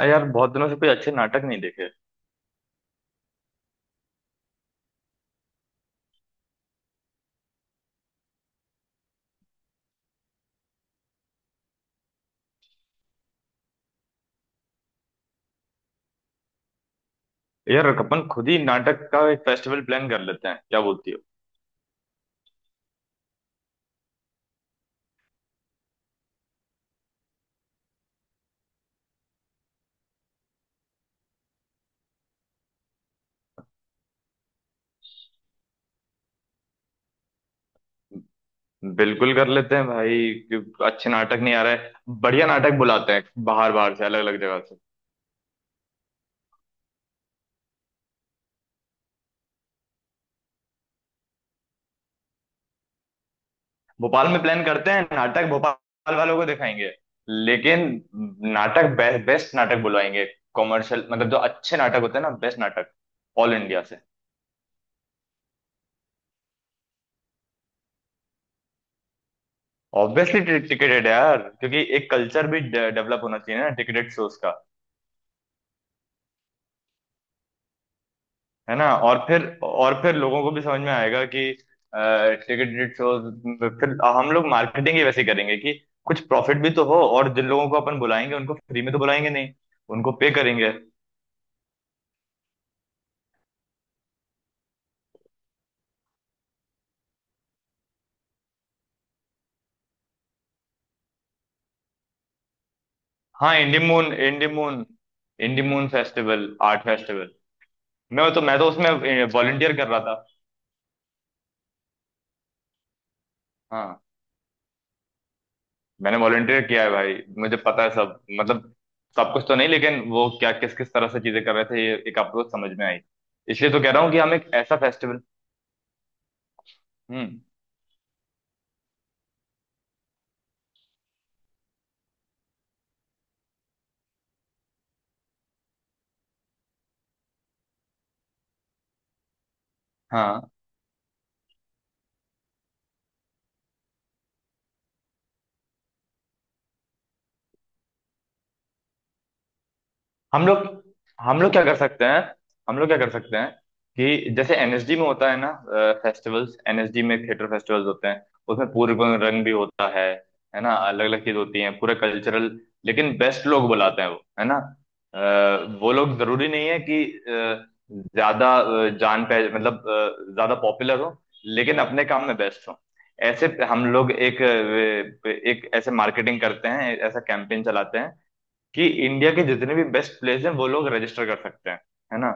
अरे यार, बहुत दिनों से कोई अच्छे नाटक नहीं देखे। यार, अपन खुद ही नाटक का एक फेस्टिवल प्लान कर लेते हैं, क्या बोलती हो। बिल्कुल कर लेते हैं भाई। कि अच्छे नाटक नहीं आ रहे, बढ़िया नाटक बुलाते हैं, बाहर बाहर से, अलग अलग जगह से। भोपाल में प्लान करते हैं, नाटक भोपाल वालों को दिखाएंगे, लेकिन नाटक बेस्ट नाटक बुलवाएंगे। कॉमर्शियल, मतलब जो अच्छे नाटक होते हैं ना, बेस्ट नाटक, ऑल इंडिया से। ऑब्वियसली टिकेटेड है यार, क्योंकि एक कल्चर भी डेवलप होना चाहिए ना, टिकेटेड शोज का। है ना, और फिर लोगों को भी समझ में आएगा कि टिकट शोज। फिर हम लोग मार्केटिंग ही वैसे करेंगे कि कुछ प्रॉफिट भी तो हो, और जिन लोगों को अपन बुलाएंगे, उनको फ्री में तो बुलाएंगे नहीं, उनको पे करेंगे। हाँ, इंडीमून, इंडीमून फेस्टिवल, आर्ट फेस्टिवल। मैं तो उसमें वॉलंटियर कर रहा था। हाँ, मैंने वॉलंटियर किया है भाई, मुझे पता है सब, मतलब सब कुछ तो नहीं, लेकिन वो क्या, किस किस तरह से चीजें कर रहे थे, ये एक अप्रोच समझ में आई। इसलिए तो कह रहा हूँ कि हम एक ऐसा फेस्टिवल। हम्म। हाँ। हम लोग, हम लोग क्या कर सकते हैं हम लोग क्या कर सकते हैं, कि जैसे एनएसडी में होता है ना, फेस्टिवल्स, एनएसडी में थिएटर फेस्टिवल्स होते हैं। उसमें पूरे रंग भी होता है ना, अलग अलग चीज होती है, पूरा कल्चरल। लेकिन बेस्ट लोग बुलाते हैं वो, है ना। वो लोग जरूरी नहीं है कि ज्यादा जान पह मतलब ज्यादा पॉपुलर हो, लेकिन अपने काम में बेस्ट हो। ऐसे हम लोग एक एक ऐसे मार्केटिंग करते हैं, ऐसा कैंपेन चलाते हैं कि इंडिया के जितने भी बेस्ट प्लेयर्स हैं, वो लोग रजिस्टर कर सकते हैं, है ना।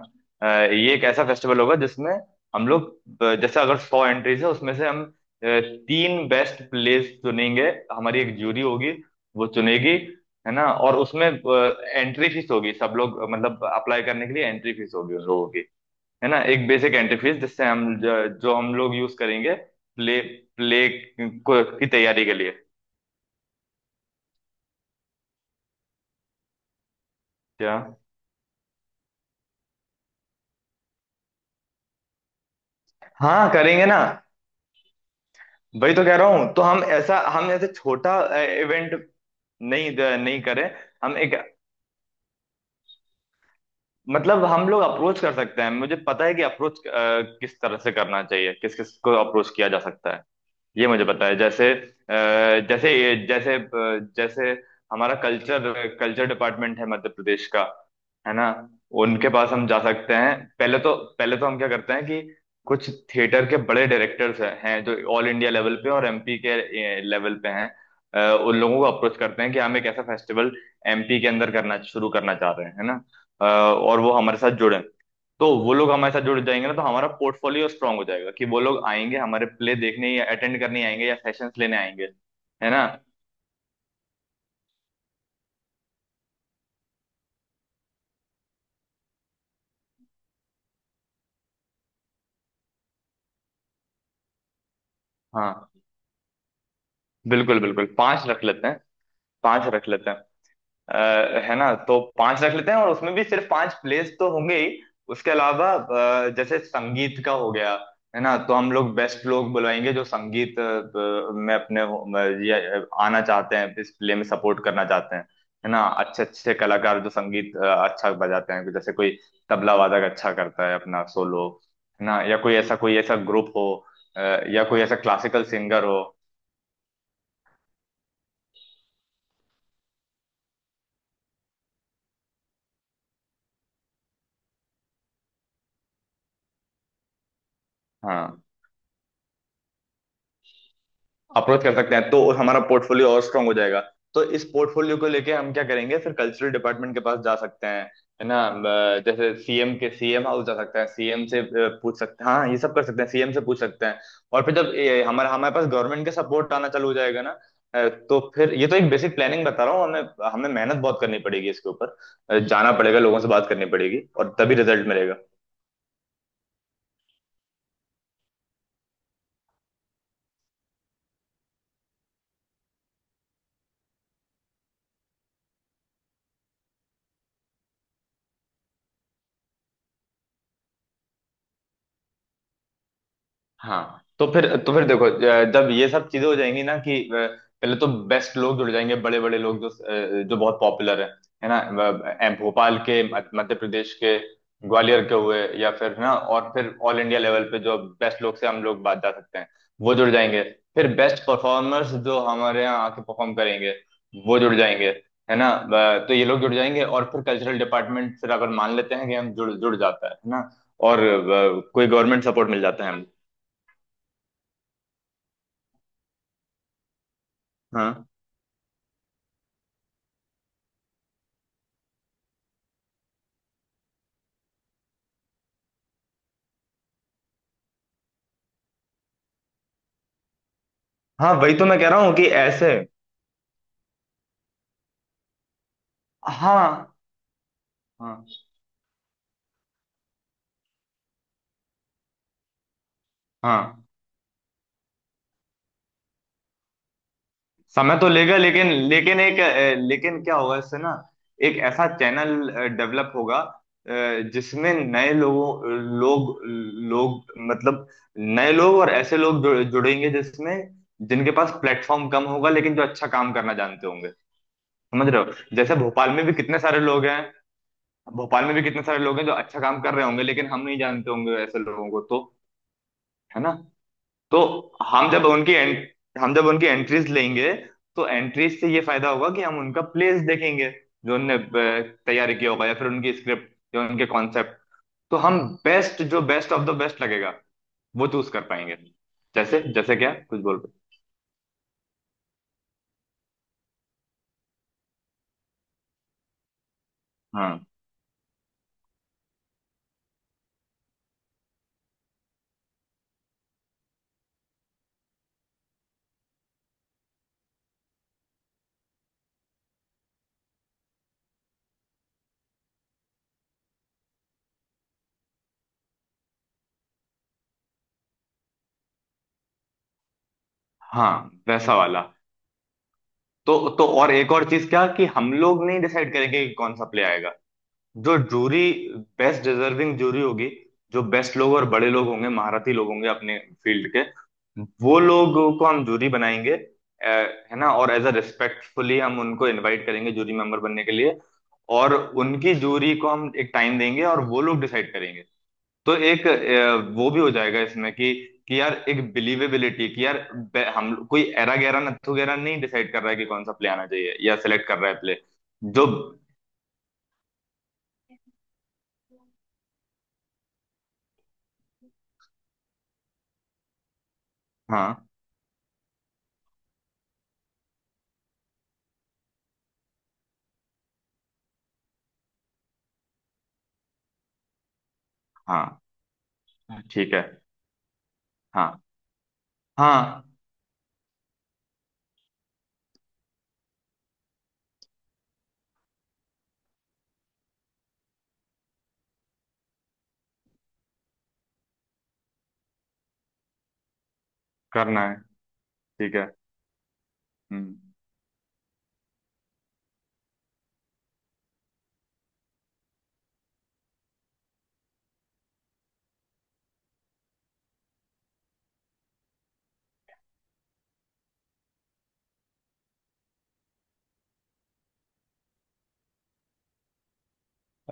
अ, ये एक ऐसा फेस्टिवल होगा जिसमें हम लोग, जैसे अगर सौ एंट्रीज है, उसमें से हम अ, तीन बेस्ट प्लेयर्स चुनेंगे, हमारी एक जूरी होगी, वो चुनेगी, है ना। और उसमें एंट्री फीस होगी, सब लोग मतलब अप्लाई करने के लिए एंट्री फीस होगी उन लोगों की, है ना, एक बेसिक एंट्री फीस, जिससे हम जो हम लोग यूज करेंगे प्ले, प्ले की तैयारी के लिए। क्या? हाँ, करेंगे ना, वही तो कह रहा हूँ। तो हम ऐसा, हम ऐसे छोटा इवेंट नहीं नहीं करें। हम एक, मतलब हम लोग अप्रोच कर सकते हैं, मुझे पता है कि अप्रोच किस तरह से करना चाहिए, किस किस को अप्रोच किया जा सकता है, ये मुझे पता है। जैसे अ, जैसे ये जैसे जैसे हमारा कल्चर कल्चर डिपार्टमेंट है मध्य प्रदेश का, है ना, उनके पास हम जा सकते हैं। पहले तो हम क्या करते हैं कि कुछ थिएटर के बड़े डायरेक्टर्स हैं जो ऑल इंडिया लेवल पे और एमपी के लेवल पे हैं, उन लोगों को अप्रोच करते हैं कि हम एक ऐसा फेस्टिवल एमपी के अंदर करना शुरू करना चाह रहे हैं, है ना। और वो हमारे साथ जुड़े, तो वो लोग हमारे साथ जुड़ जाएंगे ना, तो हमारा पोर्टफोलियो स्ट्रांग हो जाएगा, कि वो लोग आएंगे हमारे प्ले देखने, या अटेंड करने आएंगे, या सेशंस लेने आएंगे, है ना। हाँ। बिल्कुल बिल्कुल, पांच रख लेते हैं। अ, है ना, तो पांच रख लेते हैं, और उसमें भी सिर्फ पांच प्लेस तो होंगे ही। उसके अलावा जैसे संगीत का हो गया, है ना, तो हम लोग बेस्ट लोग बुलाएंगे जो संगीत में अपने ये आना चाहते हैं, इस प्ले में सपोर्ट करना चाहते हैं, है ना। अच्छे अच्छे कलाकार जो संगीत अच्छा बजाते हैं, जैसे कोई तबला वादक अच्छा करता है अपना सोलो, है ना, या कोई ऐसा, कोई ऐसा ग्रुप हो, अ, या कोई ऐसा क्लासिकल सिंगर हो। हाँ, अप्रोच कर सकते हैं, तो हमारा पोर्टफोलियो और स्ट्रांग हो जाएगा। तो इस पोर्टफोलियो को लेके हम क्या करेंगे, फिर कल्चरल डिपार्टमेंट के पास जा सकते हैं, है ना। जैसे सीएम के, सीएम हाउस जा सकते हैं, सीएम से पूछ सकते हैं। हाँ, ये सब कर सकते हैं, सीएम से पूछ सकते हैं। और फिर जब ये हमारा, हमारे पास गवर्नमेंट का सपोर्ट आना चालू हो जाएगा ना, तो फिर, ये तो एक बेसिक प्लानिंग बता रहा हूँ, हमें, हमें मेहनत बहुत करनी पड़ेगी इसके ऊपर, जाना पड़ेगा, लोगों से बात करनी पड़ेगी, और तभी रिजल्ट मिलेगा। हाँ, तो फिर, देखो, जब ये सब चीजें हो जाएंगी ना, कि पहले तो बेस्ट लोग जुड़ जाएंगे, बड़े बड़े लोग जो जो बहुत पॉपुलर है ना, भोपाल के मध्य प्रदेश के, ग्वालियर के हुए, या फिर, है ना, और फिर ऑल इंडिया लेवल पे जो बेस्ट लोग से हम लोग बात जा सकते हैं, वो जुड़ जाएंगे। फिर बेस्ट परफॉर्मर्स जो हमारे यहाँ आके परफॉर्म करेंगे, वो जुड़ जाएंगे, है ना। तो ये लोग जुड़ जाएंगे, और फिर कल्चरल डिपार्टमेंट फिर अगर मान लेते हैं कि हम जुड़ जुड़ जाता है ना, और कोई गवर्नमेंट सपोर्ट मिल जाता है। हाँ। हाँ, वही तो मैं कह रहा हूँ कि ऐसे। हाँ हाँ हाँ। समय तो लेगा, लेकिन, लेकिन क्या होगा इससे ना, एक ऐसा चैनल डेवलप होगा जिसमें लोग लोग मतलब नए लोग और ऐसे लोग जुड़ेंगे जिसमें, जिनके पास प्लेटफॉर्म कम होगा, लेकिन जो अच्छा काम करना जानते होंगे। समझ रहे हो, जैसे भोपाल में भी कितने सारे लोग हैं जो अच्छा काम कर रहे होंगे, लेकिन हम नहीं जानते होंगे ऐसे लोगों को। तो है ना, तो हम जब उनकी एंट, हम जब उनकी एंट्रीज लेंगे, तो एंट्रीज से ये फायदा होगा कि हम उनका प्लेस देखेंगे, जो उनने तैयारी किया होगा, या फिर उनकी स्क्रिप्ट या उनके कॉन्सेप्ट, तो हम बेस्ट, जो बेस्ट ऑफ द बेस्ट लगेगा, वो चूज कर पाएंगे। जैसे जैसे क्या कुछ बोल रहे। हाँ। हाँ, वैसा वाला। तो, और एक और चीज क्या, कि हम लोग नहीं डिसाइड करेंगे कि कौन सा प्ले आएगा, जो जूरी, बेस्ट डिजर्विंग जूरी होगी, जो बेस्ट लोग और बड़े लोग होंगे, महारथी लोग होंगे अपने फील्ड के, वो लोगों को हम जूरी बनाएंगे, है ना। और एज अ रिस्पेक्टफुली हम उनको इनवाइट करेंगे जूरी मेंबर बनने के लिए, और उनकी जूरी को हम एक टाइम देंगे, और वो लोग डिसाइड करेंगे। तो एक वो भी हो जाएगा इसमें कि यार एक बिलीवेबिलिटी, कि यार हम कोई एरा गैरा नत्थु गैरा नहीं डिसाइड कर रहा है कि कौन सा प्ले आना चाहिए, या सिलेक्ट कर रहा है प्ले जो। हाँ हाँ, ठीक है। हाँ हाँ, करना है। ठीक है। हम्म।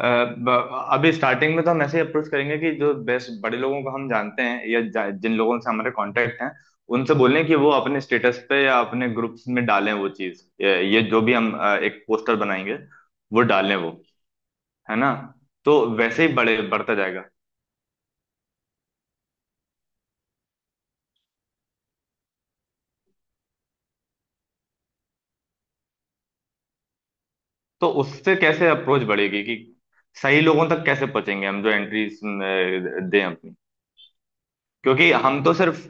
अभी स्टार्टिंग में तो हम ऐसे ही अप्रोच करेंगे कि जो बेस्ट बड़े लोगों को हम जानते हैं, या जिन लोगों से हमारे कांटेक्ट हैं, उनसे बोलें कि वो अपने स्टेटस पे या अपने ग्रुप्स में डालें वो चीज़, ये जो भी हम एक पोस्टर बनाएंगे, वो डालें वो, है ना, तो वैसे ही बड़े बढ़ता जाएगा। तो उससे कैसे अप्रोच बढ़ेगी, कि सही लोगों तक कैसे पहुंचेंगे, हम जो एंट्रीज दें अपनी, क्योंकि हम तो सिर्फ।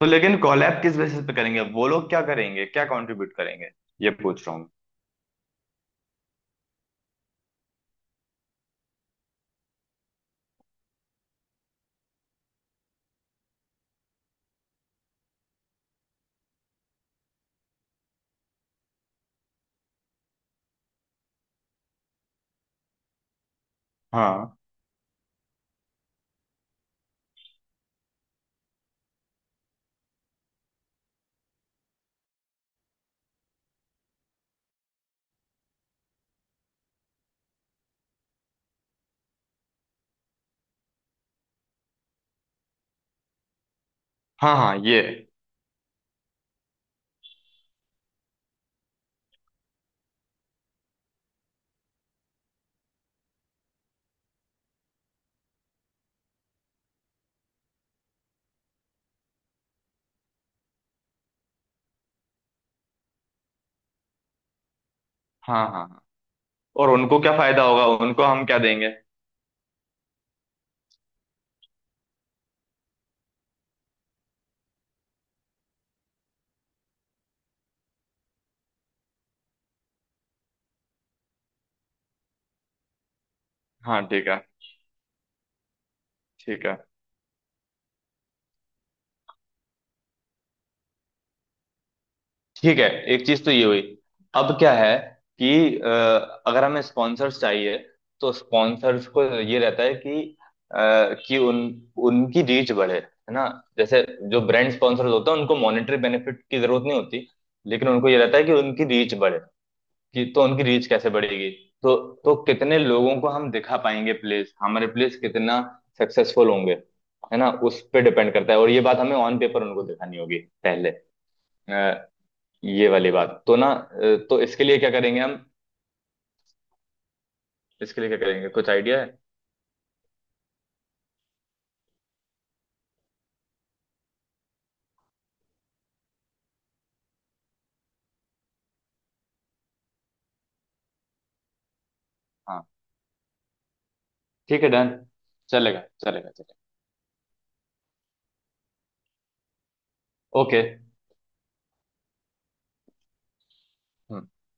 तो लेकिन कॉलैब किस बेसिस पे करेंगे, वो लोग क्या करेंगे, क्या कंट्रीब्यूट करेंगे, ये पूछ रहा हूँ। हाँ हाँ हाँ, ये। हाँ हाँ हाँ। और उनको क्या फायदा होगा, उनको हम क्या देंगे? हाँ, ठीक है। ठीक है, ठीक है। एक चीज तो ये हुई। अब क्या है, कि अगर हमें स्पॉन्सर्स चाहिए, तो स्पॉन्सर्स को ये रहता है कि अ, कि उन उनकी रीच बढ़े, है ना। जैसे जो ब्रांड स्पॉन्सर्स होते हैं, उनको मॉनेटरी बेनिफिट की जरूरत नहीं होती, लेकिन उनको ये रहता है कि उनकी रीच बढ़े। कि तो उनकी रीच कैसे बढ़ेगी? तो तो कितने लोगों को हम दिखा पाएंगे प्लेस, हमारे प्लेस कितना सक्सेसफुल होंगे, है ना, उस पे डिपेंड करता है। और ये बात हमें ऑन पेपर उनको दिखानी होगी पहले, अ, ये वाली बात तो ना। तो इसके लिए क्या करेंगे हम, इसके लिए क्या करेंगे, कुछ आइडिया है? हाँ, ठीक है, डन। चलेगा चलेगा चलेगा। ओके।